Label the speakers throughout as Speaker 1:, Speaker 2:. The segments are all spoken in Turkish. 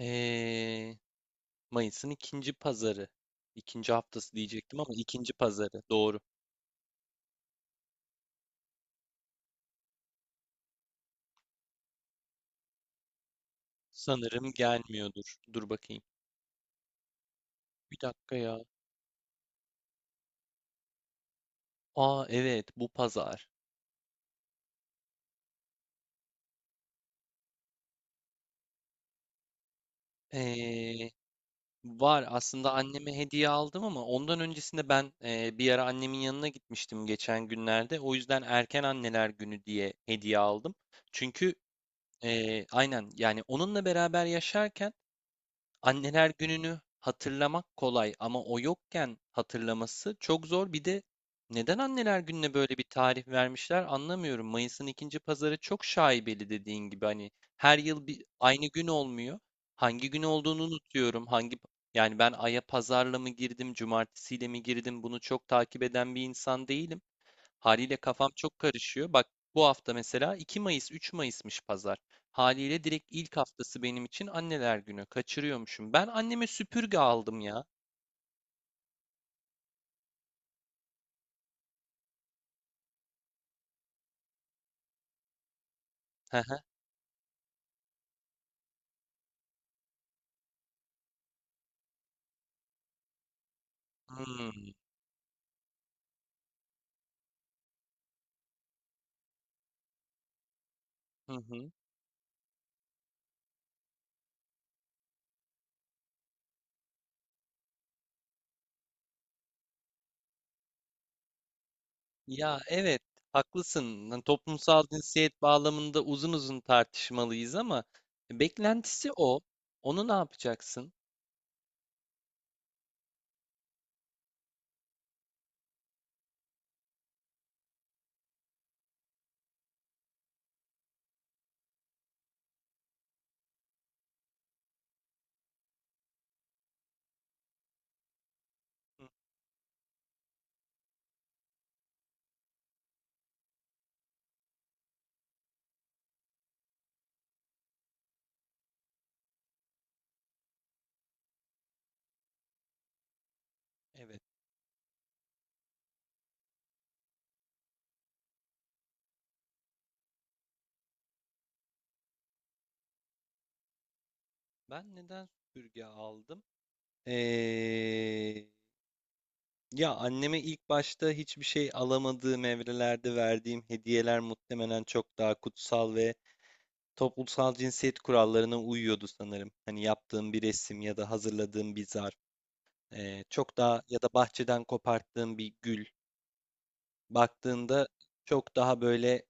Speaker 1: Ee, Mayıs'ın ikinci pazarı. İkinci haftası diyecektim ama ikinci pazarı. Doğru. Sanırım gelmiyordur. Dur bakayım. Bir dakika ya. Aa evet bu pazar. Ee, Var aslında anneme hediye aldım ama ondan öncesinde ben bir ara annemin yanına gitmiştim geçen günlerde. O yüzden erken anneler günü diye hediye aldım. Çünkü aynen yani onunla beraber yaşarken anneler gününü hatırlamak kolay ama o yokken hatırlaması çok zor. Bir de neden anneler gününe böyle bir tarih vermişler anlamıyorum. Mayıs'ın ikinci pazarı çok şaibeli, dediğin gibi, hani her yıl bir aynı gün olmuyor. Hangi gün olduğunu unutuyorum. Yani ben aya pazarla mı girdim, cumartesiyle mi girdim, bunu çok takip eden bir insan değilim. Haliyle kafam çok karışıyor. Bak, bu hafta mesela 2 Mayıs, 3 Mayıs'mış pazar. Haliyle direkt ilk haftası benim için Anneler Günü. Kaçırıyormuşum. Ben anneme süpürge aldım ya. Hı hı. Hmm, hı hı. Ya evet, haklısın. Lan, toplumsal cinsiyet bağlamında uzun uzun tartışmalıyız ama beklentisi o. Onu ne yapacaksın? Hı, evet. Ben neden süpürge aldım? Ee, Ya anneme ilk başta hiçbir şey alamadığım evrelerde verdiğim hediyeler muhtemelen çok daha kutsal ve toplumsal cinsiyet kurallarına uyuyordu sanırım. Hani yaptığım bir resim ya da hazırladığım bir zarf, çok daha ya da bahçeden koparttığım bir gül. Baktığında çok daha böyle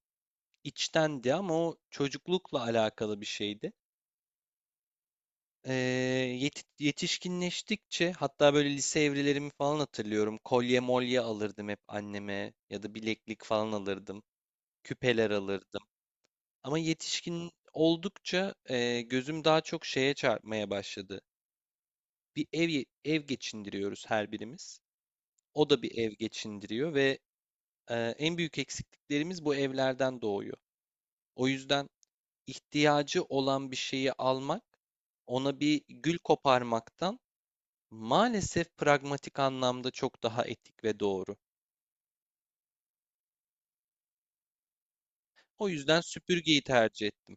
Speaker 1: içtendi ama o çocuklukla alakalı bir şeydi. Eee, Yetişkinleştikçe, hatta böyle lise evrelerimi falan hatırlıyorum. Kolye molye alırdım hep anneme ya da bileklik falan alırdım. Küpeler alırdım. Ama yetişkin oldukça gözüm daha çok şeye çarpmaya başladı. Bir ev geçindiriyoruz her birimiz. O da bir ev geçindiriyor ve en büyük eksikliklerimiz bu evlerden doğuyor. O yüzden ihtiyacı olan bir şeyi almak, ona bir gül koparmaktan maalesef pragmatik anlamda çok daha etik ve doğru. O yüzden süpürgeyi tercih ettim.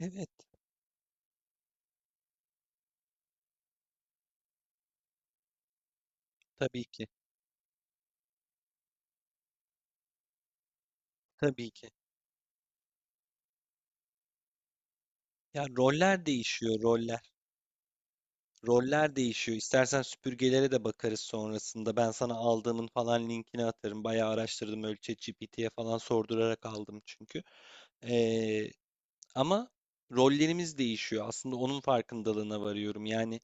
Speaker 1: Evet, tabii ki. Tabii ki. Ya roller değişiyor, roller. Roller değişiyor. İstersen süpürgelere de bakarız sonrasında. Ben sana aldığımın falan linkini atarım. Bayağı araştırdım. Öyle ChatGPT'ye falan sordurarak aldım çünkü. Ee, Ama rollerimiz değişiyor. Aslında onun farkındalığına varıyorum. Yani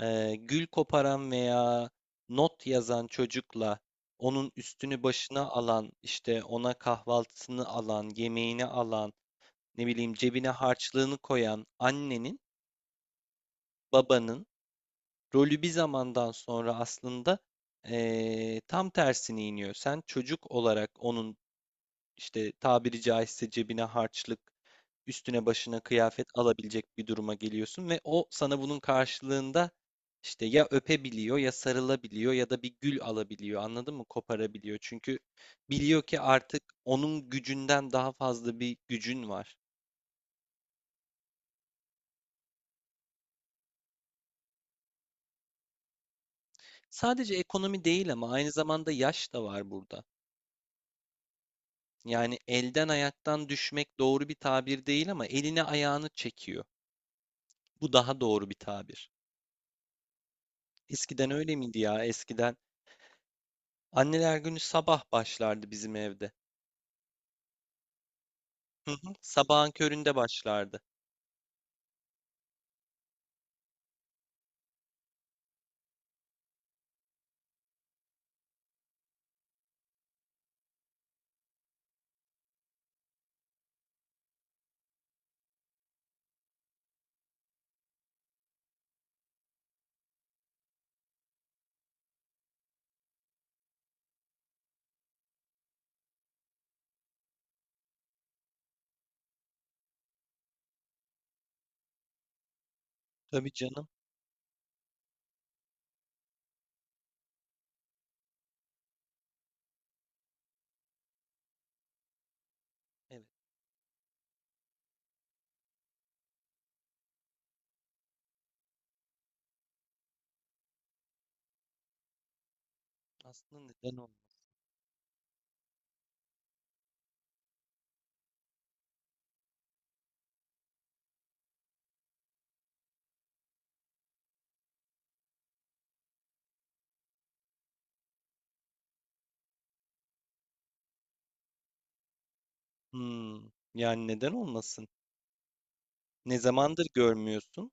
Speaker 1: gül koparan veya not yazan çocukla onun üstünü başına alan, işte ona kahvaltısını alan, yemeğini alan, ne bileyim cebine harçlığını koyan annenin, babanın rolü bir zamandan sonra aslında tam tersine iniyor. Sen çocuk olarak onun işte tabiri caizse cebine harçlık, üstüne başına kıyafet alabilecek bir duruma geliyorsun ve o sana bunun karşılığında işte ya öpebiliyor ya sarılabiliyor ya da bir gül alabiliyor. Anladın mı? Koparabiliyor. Çünkü biliyor ki artık onun gücünden daha fazla bir gücün var. Sadece ekonomi değil, ama aynı zamanda yaş da var burada. Yani elden ayaktan düşmek doğru bir tabir değil ama elini ayağını çekiyor. Bu daha doğru bir tabir. Eskiden öyle miydi ya? Eskiden anneler günü sabah başlardı bizim evde. Hı hı, sabahın köründe başlardı. Tabii canım. Evet. Aslında neden olmasın? Hmm, yani neden olmasın? Ne zamandır görmüyorsun?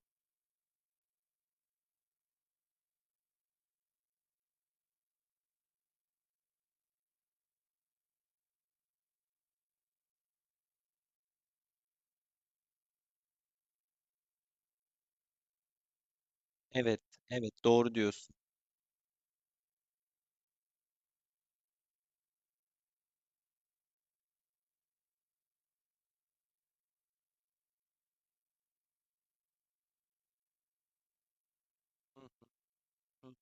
Speaker 1: Evet, evet doğru diyorsun. Hı hı hı.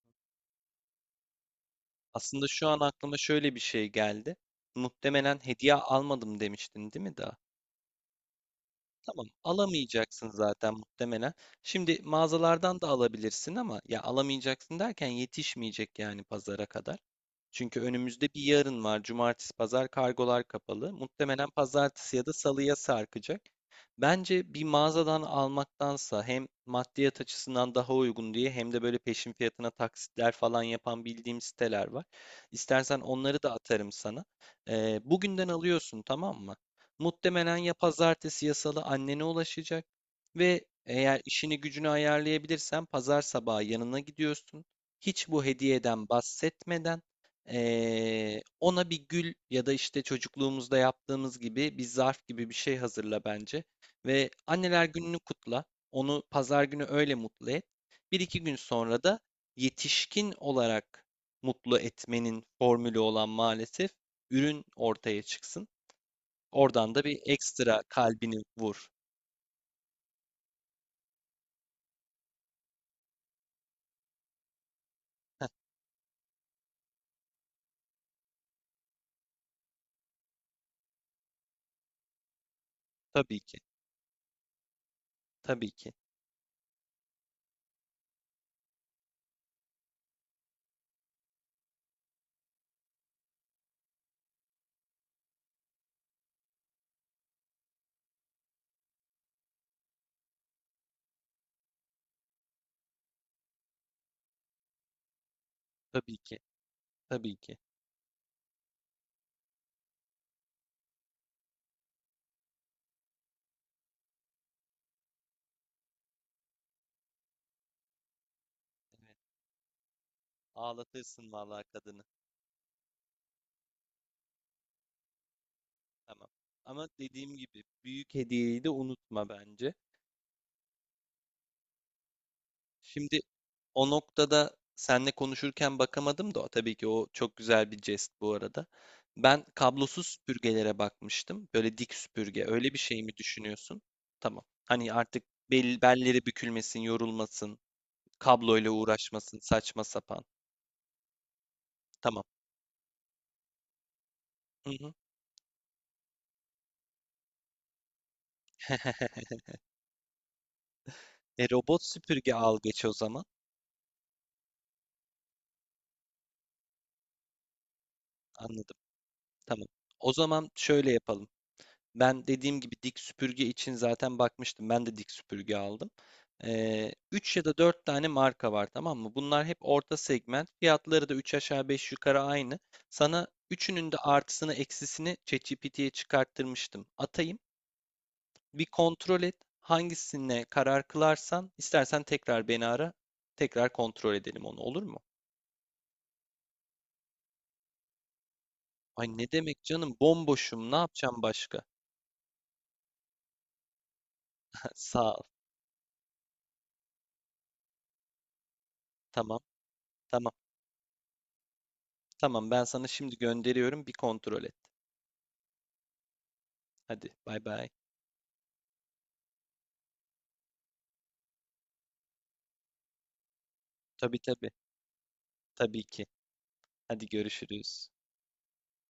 Speaker 1: Aslında şu an aklıma şöyle bir şey geldi. Muhtemelen hediye almadım demiştin, değil mi daha? Tamam, alamayacaksın zaten muhtemelen. Şimdi mağazalardan da alabilirsin ama ya alamayacaksın derken yetişmeyecek yani pazara kadar. Çünkü önümüzde bir yarın var. Cumartesi, pazar kargolar kapalı. Muhtemelen pazartesi ya da salıya sarkacak. Bence bir mağazadan almaktansa hem maddiyat açısından daha uygun diye, hem de böyle peşin fiyatına taksitler falan yapan bildiğim siteler var. İstersen onları da atarım sana. Bugünden alıyorsun, tamam mı? Muhtemelen ya pazartesi ya salı annene ulaşacak ve eğer işini gücünü ayarlayabilirsen pazar sabahı yanına gidiyorsun. Hiç bu hediyeden bahsetmeden ona bir gül ya da işte çocukluğumuzda yaptığımız gibi bir zarf gibi bir şey hazırla bence. Ve anneler gününü kutla. Onu pazar günü öyle mutlu et. Bir iki gün sonra da yetişkin olarak mutlu etmenin formülü olan maalesef ürün ortaya çıksın. Oradan da bir ekstra kalbini vur. Heh, tabii ki, tabii ki, tabii ki, tabii ki. Evet, ağlatırsın vallahi kadını. Tamam. Ama dediğim gibi büyük hediyeyi de unutma bence. Şimdi o noktada seninle konuşurken bakamadım da, tabii ki o çok güzel bir jest bu arada. Ben kablosuz süpürgelere bakmıştım. Böyle dik süpürge. Öyle bir şey mi düşünüyorsun? Tamam. Hani artık belleri bükülmesin, yorulmasın, kabloyla uğraşmasın, saçma sapan. Tamam. Hı hı. E, robot süpürge al geç o zaman. Anladım. Tamam. O zaman şöyle yapalım. Ben dediğim gibi dik süpürge için zaten bakmıştım. Ben de dik süpürge aldım. 3 ya da 4 tane marka var, tamam mı? Bunlar hep orta segment. Fiyatları da 3 aşağı 5 yukarı aynı. Sana üçünün de artısını eksisini ChatGPT'ye çıkarttırmıştım. Atayım. Bir kontrol et. Hangisine karar kılarsan istersen tekrar beni ara. Tekrar kontrol edelim onu, olur mu? Ay ne demek canım, bomboşum, ne yapacağım başka? Sağ ol. Tamam, tamam tamam, ben sana şimdi gönderiyorum, bir kontrol et. Hadi bay bay. Tabii tabii. Tabii ki. Hadi görüşürüz.